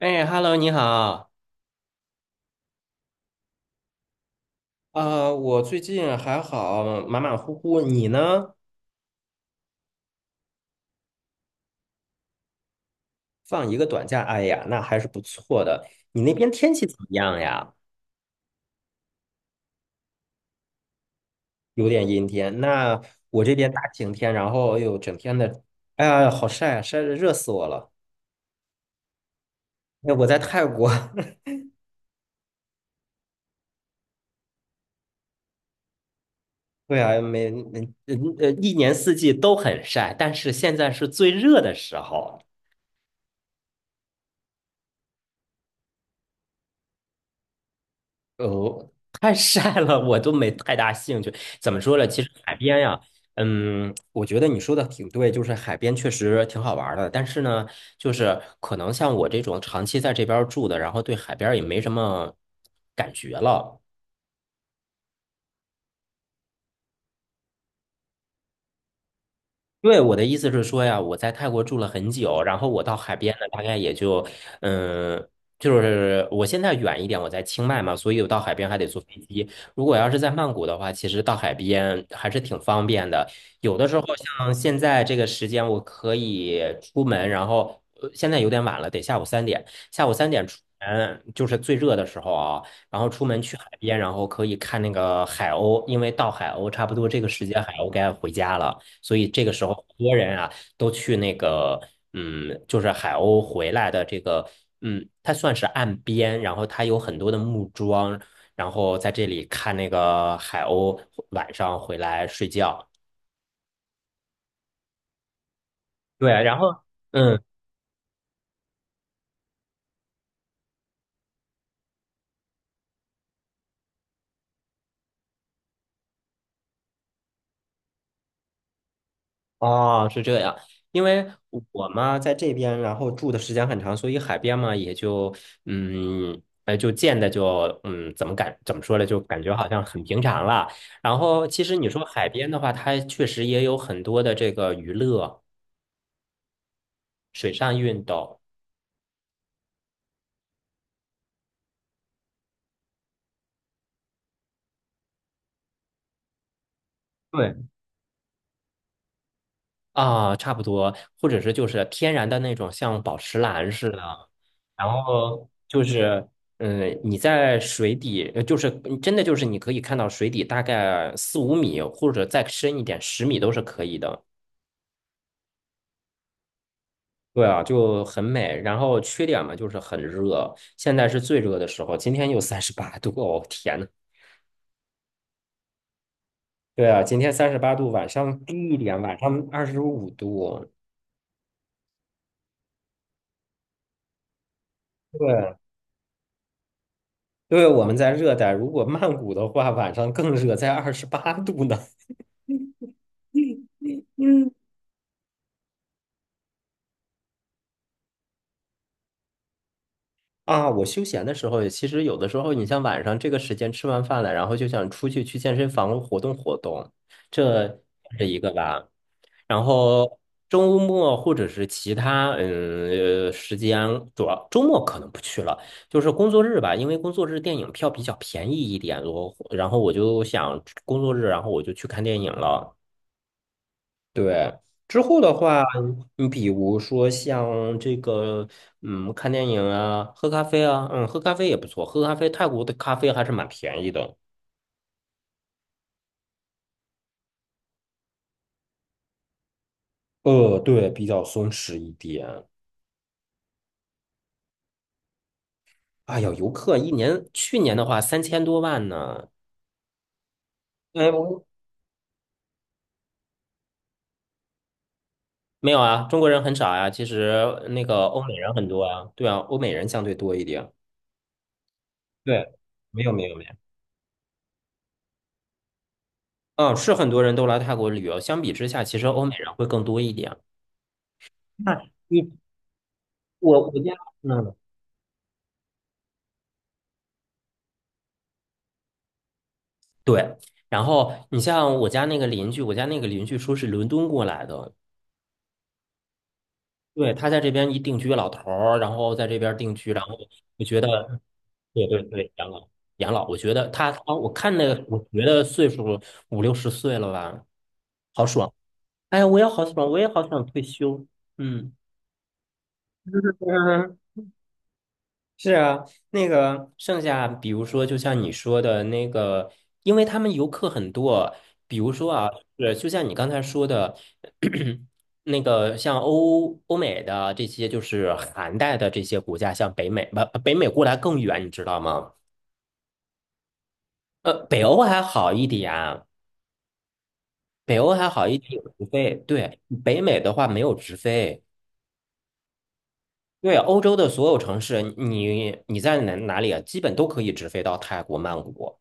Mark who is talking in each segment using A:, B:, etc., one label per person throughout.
A: 哎，Hello，你好。啊！我最近还好，马马虎虎。你呢？放一个短假，哎呀，那还是不错的。你那边天气怎么样呀？有点阴天。那我这边大晴天，然后又整天的，哎呀，好晒啊，晒的热死我了。哎，我在泰国，对啊，每嗯嗯呃一年四季都很晒，但是现在是最热的时候。哦，太晒了，我都没太大兴趣。怎么说呢？其实海边呀，我觉得你说的挺对，就是海边确实挺好玩儿的。但是呢，就是可能像我这种长期在这边儿住的，然后对海边儿也没什么感觉了。对，我的意思是说呀，我在泰国住了很久，然后我到海边呢，大概也就，嗯，就是我现在远一点，我在清迈嘛，所以我到海边还得坐飞机。如果要是在曼谷的话，其实到海边还是挺方便的。有的时候像现在这个时间，我可以出门，然后现在有点晚了，得下午三点，下午三点出门就是最热的时候啊，然后出门去海边，然后可以看那个海鸥，因为到海鸥差不多这个时间，海鸥该回家了。所以这个时候，很多人啊都去那个，就是海鸥回来的这个，它算是岸边，然后它有很多的木桩，然后在这里看那个海鸥晚上回来睡觉。对，然后。嗯。哦，是这样，因为我嘛在这边，然后住的时间很长，所以海边嘛也就嗯，哎就见的就怎么说呢，就感觉好像很平常了。然后其实你说海边的话，它确实也有很多的这个娱乐、水上运动对，啊，差不多，或者是就是天然的那种像宝石蓝似的。然后就是，你在水底，就是真的就是你可以看到水底大概四五米，或者再深一点，10米都是可以的。对啊，就很美。然后缺点嘛，就是很热，现在是最热的时候，今天又三十八度，哦天呐，对啊，今天三十八度，晚上低一点，晚上25度。对，对，我们在热带，如果曼谷的话，晚上更热，在28度呢。嗯。啊，我休闲的时候，其实有的时候，你像晚上这个时间吃完饭了，然后就想出去去健身房活动活动，这是一个吧。然后周末或者是其他时间，主要周末可能不去了，就是工作日吧，因为工作日电影票比较便宜一点，然后我就想工作日，然后我就去看电影了。对，之后的话，你比如说像这个，看电影啊，喝咖啡啊，喝咖啡也不错，喝咖啡，泰国的咖啡还是蛮便宜的。对，比较松弛一点。哎呀，游客一年，去年的话3000多万呢。哎，我没有啊，中国人很少呀。其实那个欧美人很多啊，对啊，欧美人相对多一点。对，没有没有没有，嗯，是很多人都来泰国旅游，相比之下，其实欧美人会更多一点。那你我家。嗯。对，然后你像我家那个邻居，我家那个邻居说是伦敦过来的，对，他在这边一定居老头儿，然后在这边定居，然后我觉得，对对对，养老养老，我觉得他啊，我看那个，我觉得岁数五六十岁了吧，好爽，哎呀，我也好爽，我也好想退休，嗯。是啊，那个剩下，比如说，就像你说的那个，因为他们游客很多，比如说啊，是就像你刚才说的，那个像欧美的这些，就是寒带的这些国家，像北美，不，北美过来更远，你知道吗？北欧还好一点，北欧还好一点有直飞，对，北美的话没有直飞。对，欧洲的所有城市，你在哪里啊，基本都可以直飞到泰国曼谷。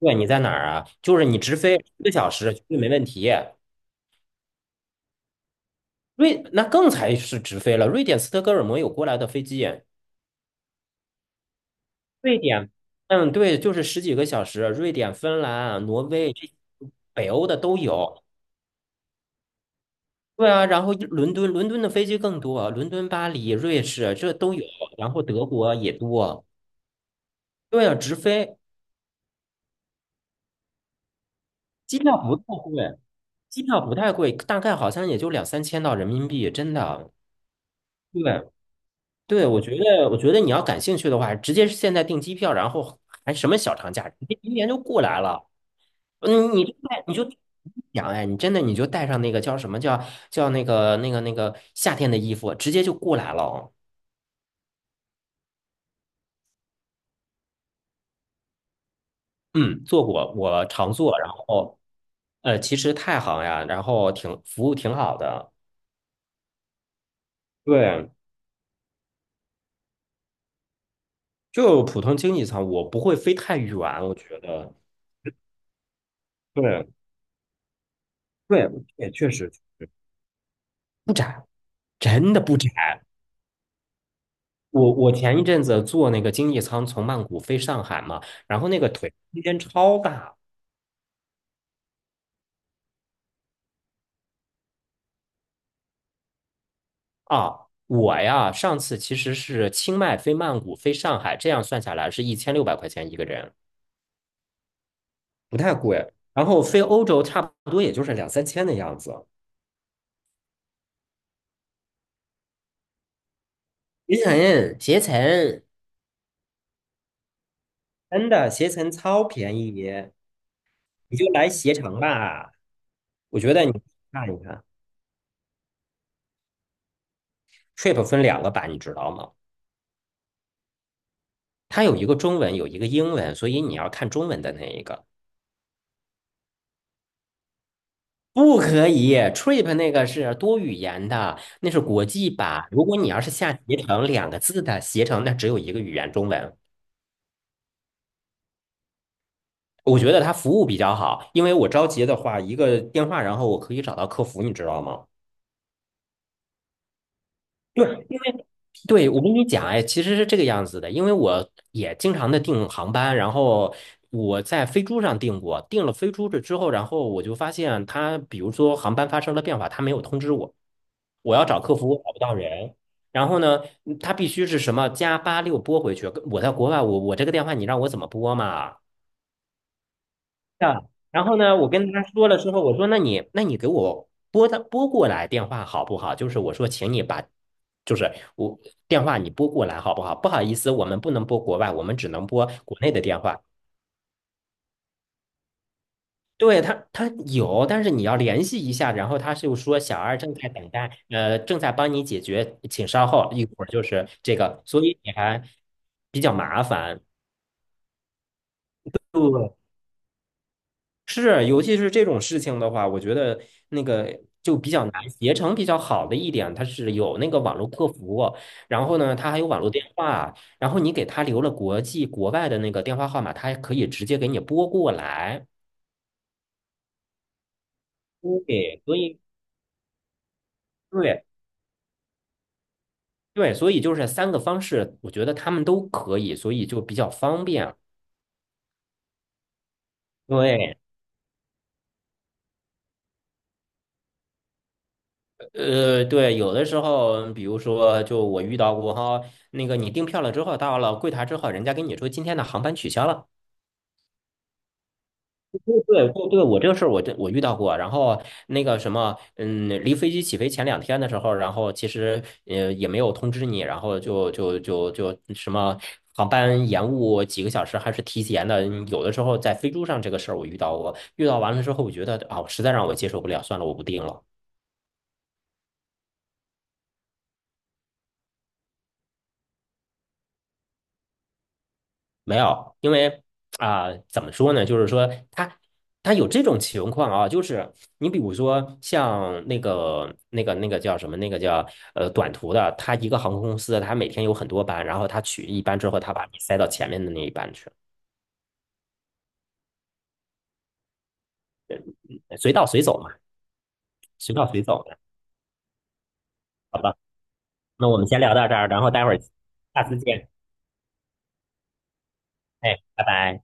A: 对，你在哪儿啊？就是你直飞1个小时绝对没问题。那更才是直飞了。瑞典斯德哥尔摩有过来的飞机，瑞典，对，就是十几个小时。瑞典、芬兰、挪威这北欧的都有。对啊，然后一伦敦，伦敦的飞机更多，伦敦、巴黎、瑞士这都有，然后德国也多。对啊，直飞，机票不太贵，机票不太贵，大概好像也就两三千到人民币，真的。对，对，我觉得你要感兴趣的话，直接现在订机票，然后还什么小长假，直接明年就过来了。嗯，你就想，哎，你真的你就带上那个叫什么叫那个夏天的衣服，直接就过来了哦。嗯，做过，我常做，然后其实太行呀，然后挺服务挺好的。对，就普通经济舱，我不会飞太远，我觉得。对对，也确实不窄，真的不窄。我前一阵子坐那个经济舱从曼谷飞上海嘛，然后那个腿空间超大啊！我呀，上次其实是清迈飞曼谷飞上海，这样算下来是1600块钱一个人，不太贵。然后飞欧洲差不多也就是两三千的样子。携程，携程，真的携程超便宜，你就来携程吧。我觉得你看一看，Trip 分两个版，你知道吗？它有一个中文，有一个英文，所以你要看中文的那一个。不可以，trip 那个是多语言的，那是国际版。如果你要是下携程两个字的携程，那只有一个语言中文。我觉得它服务比较好，因为我着急的话，一个电话，然后我可以找到客服，你知道吗？对，因为对我跟你讲，哎，其实是这个样子的，因为我也经常的订航班，然后我在飞猪上订过，订了飞猪这之后，然后我就发现它，比如说航班发生了变化，它没有通知我。我要找客服，我找不到人。然后呢，他必须是什么加86拨回去。我在国外，我这个电话你让我怎么拨嘛？啊，然后呢，我跟他说了之后，我说那你给我拨过来电话好不好？就是我说，请你把就是我电话你拨过来好不好？不好意思，我们不能拨国外，我们只能拨国内的电话。对他，他有，但是你要联系一下，然后他就说小二正在等待，正在帮你解决，请稍后，一会儿就是这个，所以你还比较麻烦。对，是，尤其是这种事情的话，我觉得那个就比较难。携程比较好的一点，它是有那个网络客服，然后呢，它还有网络电话，然后你给他留了国际国外的那个电话号码，他还可以直接给你拨过来。对，所以对，对，所以就是三个方式，我觉得他们都可以，所以就比较方便。对，对，有的时候，比如说，就我遇到过哈，那个你订票了之后，到了柜台之后，人家跟你说今天的航班取消了，对对对，我这个事儿我遇到过，然后那个什么，离飞机起飞前2天的时候，然后其实也没有通知你，然后就什么航班延误几个小时还是提前的，有的时候在飞猪上这个事儿我遇到过，遇到完了之后我觉得啊，实在让我接受不了，算了，我不订了。没有，因为啊、怎么说呢？就是说他有这种情况啊，就是你比如说像那个叫什么，那个叫短途的，他一个航空公司，他每天有很多班，然后他取一班之后，他把你塞到前面的那一班去，随到随走嘛，随到随走嘛，好吧？那我们先聊到这儿，然后待会儿下次见，哎，拜拜。